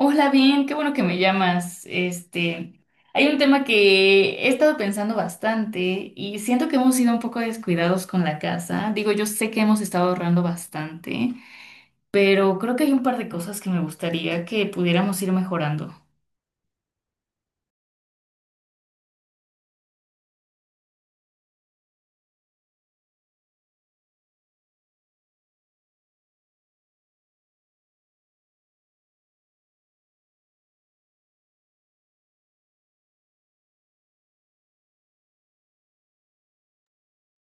Hola, bien, qué bueno que me llamas. Hay un tema que he estado pensando bastante y siento que hemos sido un poco descuidados con la casa. Digo, yo sé que hemos estado ahorrando bastante, pero creo que hay un par de cosas que me gustaría que pudiéramos ir mejorando.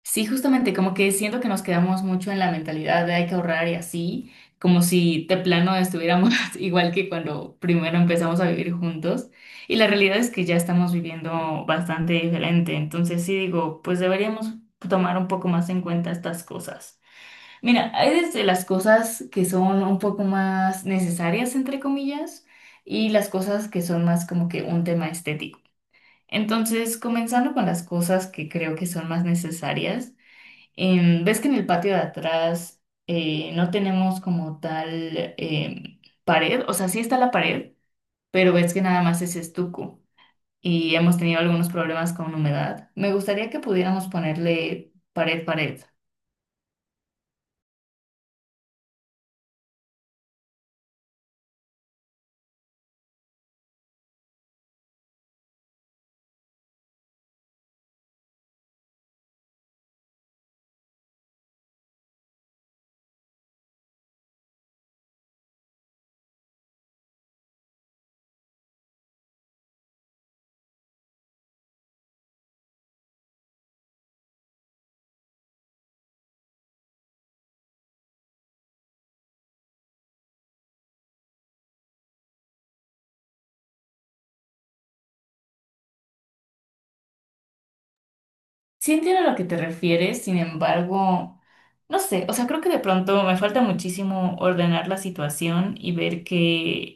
Sí, justamente, como que siento que nos quedamos mucho en la mentalidad de hay que ahorrar y así, como si de plano estuviéramos igual que cuando primero empezamos a vivir juntos. Y la realidad es que ya estamos viviendo bastante diferente. Entonces sí digo, pues deberíamos tomar un poco más en cuenta estas cosas. Mira, hay desde las cosas que son un poco más necesarias, entre comillas, y las cosas que son más como que un tema estético. Entonces, comenzando con las cosas que creo que son más necesarias. Ves que en el patio de atrás no tenemos como tal pared, o sea, sí está la pared, pero ves que nada más es estuco y hemos tenido algunos problemas con humedad. Me gustaría que pudiéramos ponerle pared, pared. Sí, entiendo a lo que te refieres, sin embargo, no sé, o sea, creo que de pronto me falta muchísimo ordenar la situación y ver que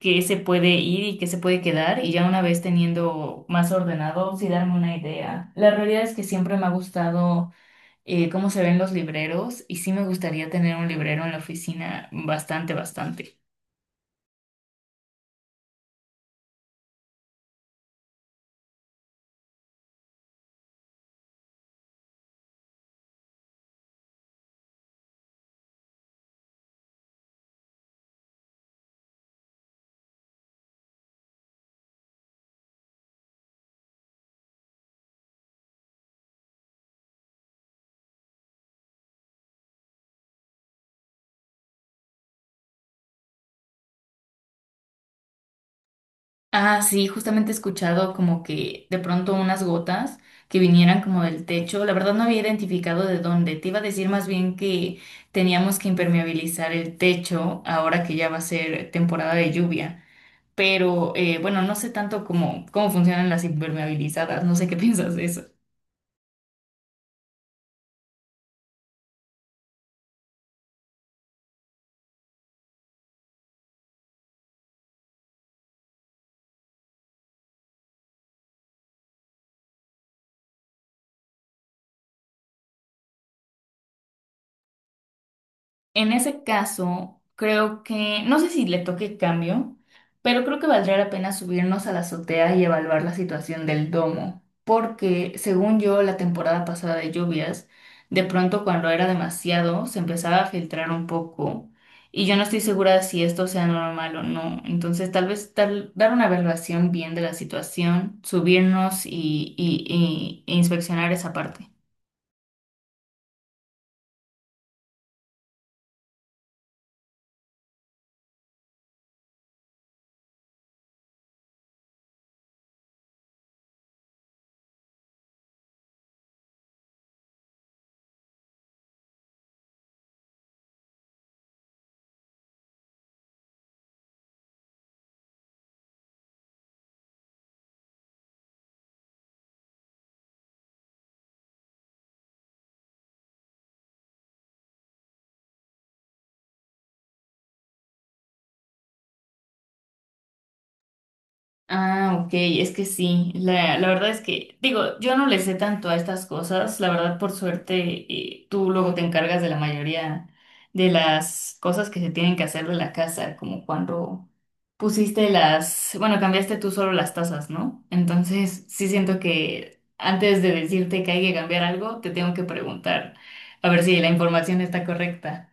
que se puede ir y que se puede quedar y ya una vez teniendo más ordenado, sí darme una idea. La realidad es que siempre me ha gustado cómo se ven los libreros y sí me gustaría tener un librero en la oficina bastante, bastante. Ah, sí, justamente he escuchado como que de pronto unas gotas que vinieran como del techo. La verdad no había identificado de dónde. Te iba a decir más bien que teníamos que impermeabilizar el techo ahora que ya va a ser temporada de lluvia. Pero bueno, no sé tanto cómo, cómo funcionan las impermeabilizadas, no sé qué piensas de eso. En ese caso, creo que, no sé si le toque cambio, pero creo que valdría la pena subirnos a la azotea y evaluar la situación del domo, porque según yo, la temporada pasada de lluvias, de pronto cuando era demasiado, se empezaba a filtrar un poco y yo no estoy segura si esto sea normal o no. Entonces, tal vez dar una evaluación bien de la situación, subirnos e inspeccionar esa parte. Ah, ok, es que sí, la verdad es que, digo, yo no le sé tanto a estas cosas, la verdad por suerte tú luego te encargas de la mayoría de las cosas que se tienen que hacer de la casa, como cuando cambiaste tú solo las tazas, ¿no? Entonces sí siento que antes de decirte que hay que cambiar algo, te tengo que preguntar a ver si la información está correcta.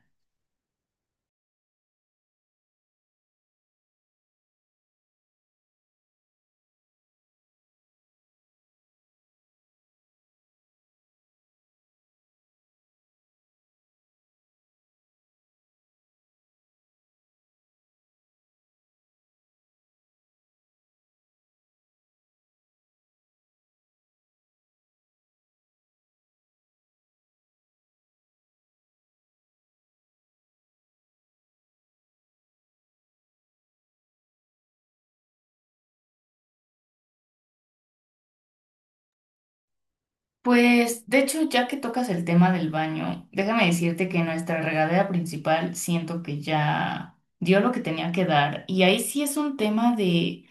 Pues, de hecho, ya que tocas el tema del baño, déjame decirte que nuestra regadera principal siento que ya dio lo que tenía que dar. Y ahí sí es un tema de,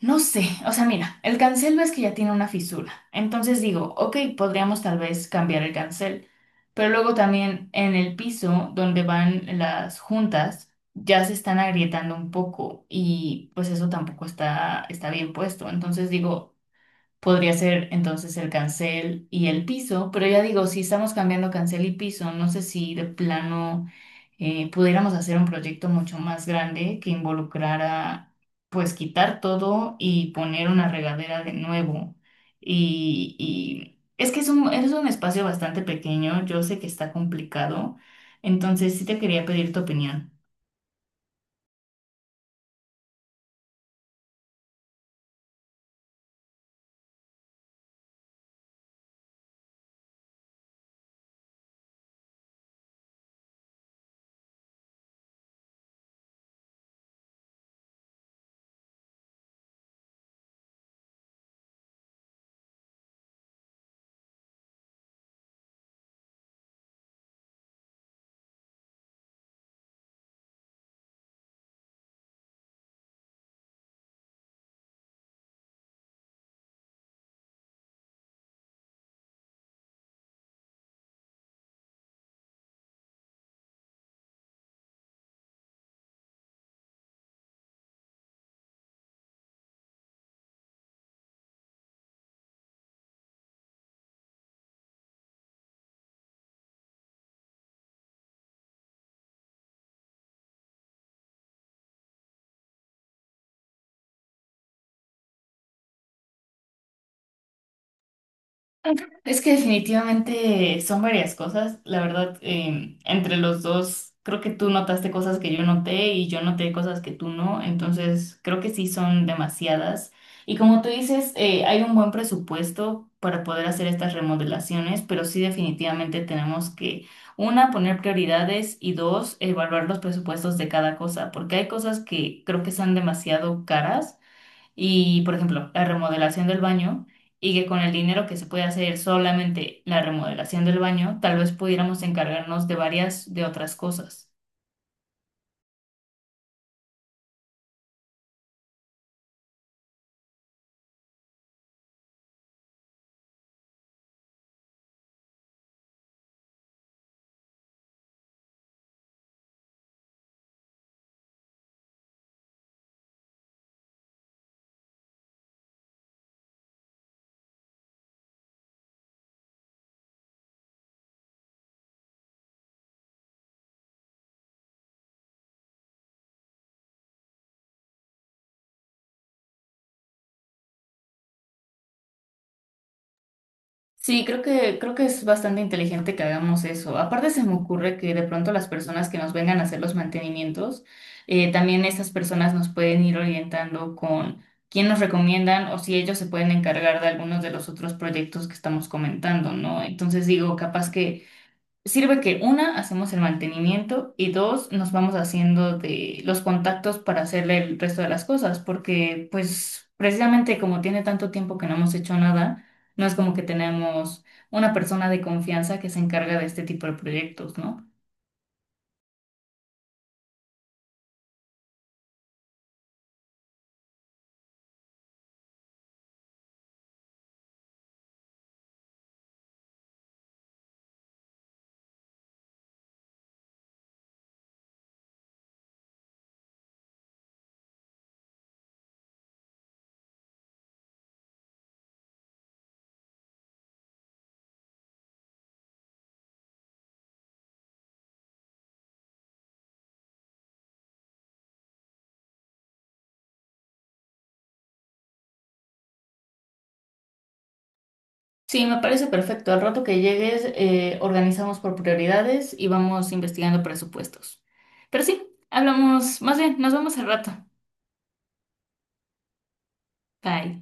no sé, o sea, mira, el cancel ves que ya tiene una fisura. Entonces digo, ok, podríamos tal vez cambiar el cancel. Pero luego también en el piso donde van las juntas, ya se están agrietando un poco y pues eso tampoco está, está bien puesto. Entonces digo... Podría ser entonces el cancel y el piso, pero ya digo, si estamos cambiando cancel y piso, no sé si de plano pudiéramos hacer un proyecto mucho más grande que involucrara, pues quitar todo y poner una regadera de nuevo. Y es que es un espacio bastante pequeño, yo sé que está complicado, entonces sí te quería pedir tu opinión. Es que definitivamente son varias cosas. La verdad, entre los dos, creo que tú notaste cosas que yo noté y yo noté cosas que tú no. Entonces, creo que sí son demasiadas. Y como tú dices, hay un buen presupuesto para poder hacer estas remodelaciones, pero sí definitivamente tenemos que, una, poner prioridades y dos, evaluar los presupuestos de cada cosa, porque hay cosas que creo que son demasiado caras y, por ejemplo, la remodelación del baño, y que con el dinero que se puede hacer solamente la remodelación del baño, tal vez pudiéramos encargarnos de varias de otras cosas. Sí, creo que es bastante inteligente que hagamos eso. Aparte se me ocurre que de pronto las personas que nos vengan a hacer los mantenimientos, también esas personas nos pueden ir orientando con quién nos recomiendan o si ellos se pueden encargar de algunos de los otros proyectos que estamos comentando, ¿no? Entonces digo, capaz que sirve que una, hacemos el mantenimiento y dos, nos vamos haciendo de los contactos para hacerle el resto de las cosas, porque pues precisamente como tiene tanto tiempo que no hemos hecho nada, no es como que tenemos una persona de confianza que se encarga de este tipo de proyectos, ¿no? Sí, me parece perfecto. Al rato que llegues, organizamos por prioridades y vamos investigando presupuestos. Pero sí, hablamos, más bien, nos vemos al rato. Bye.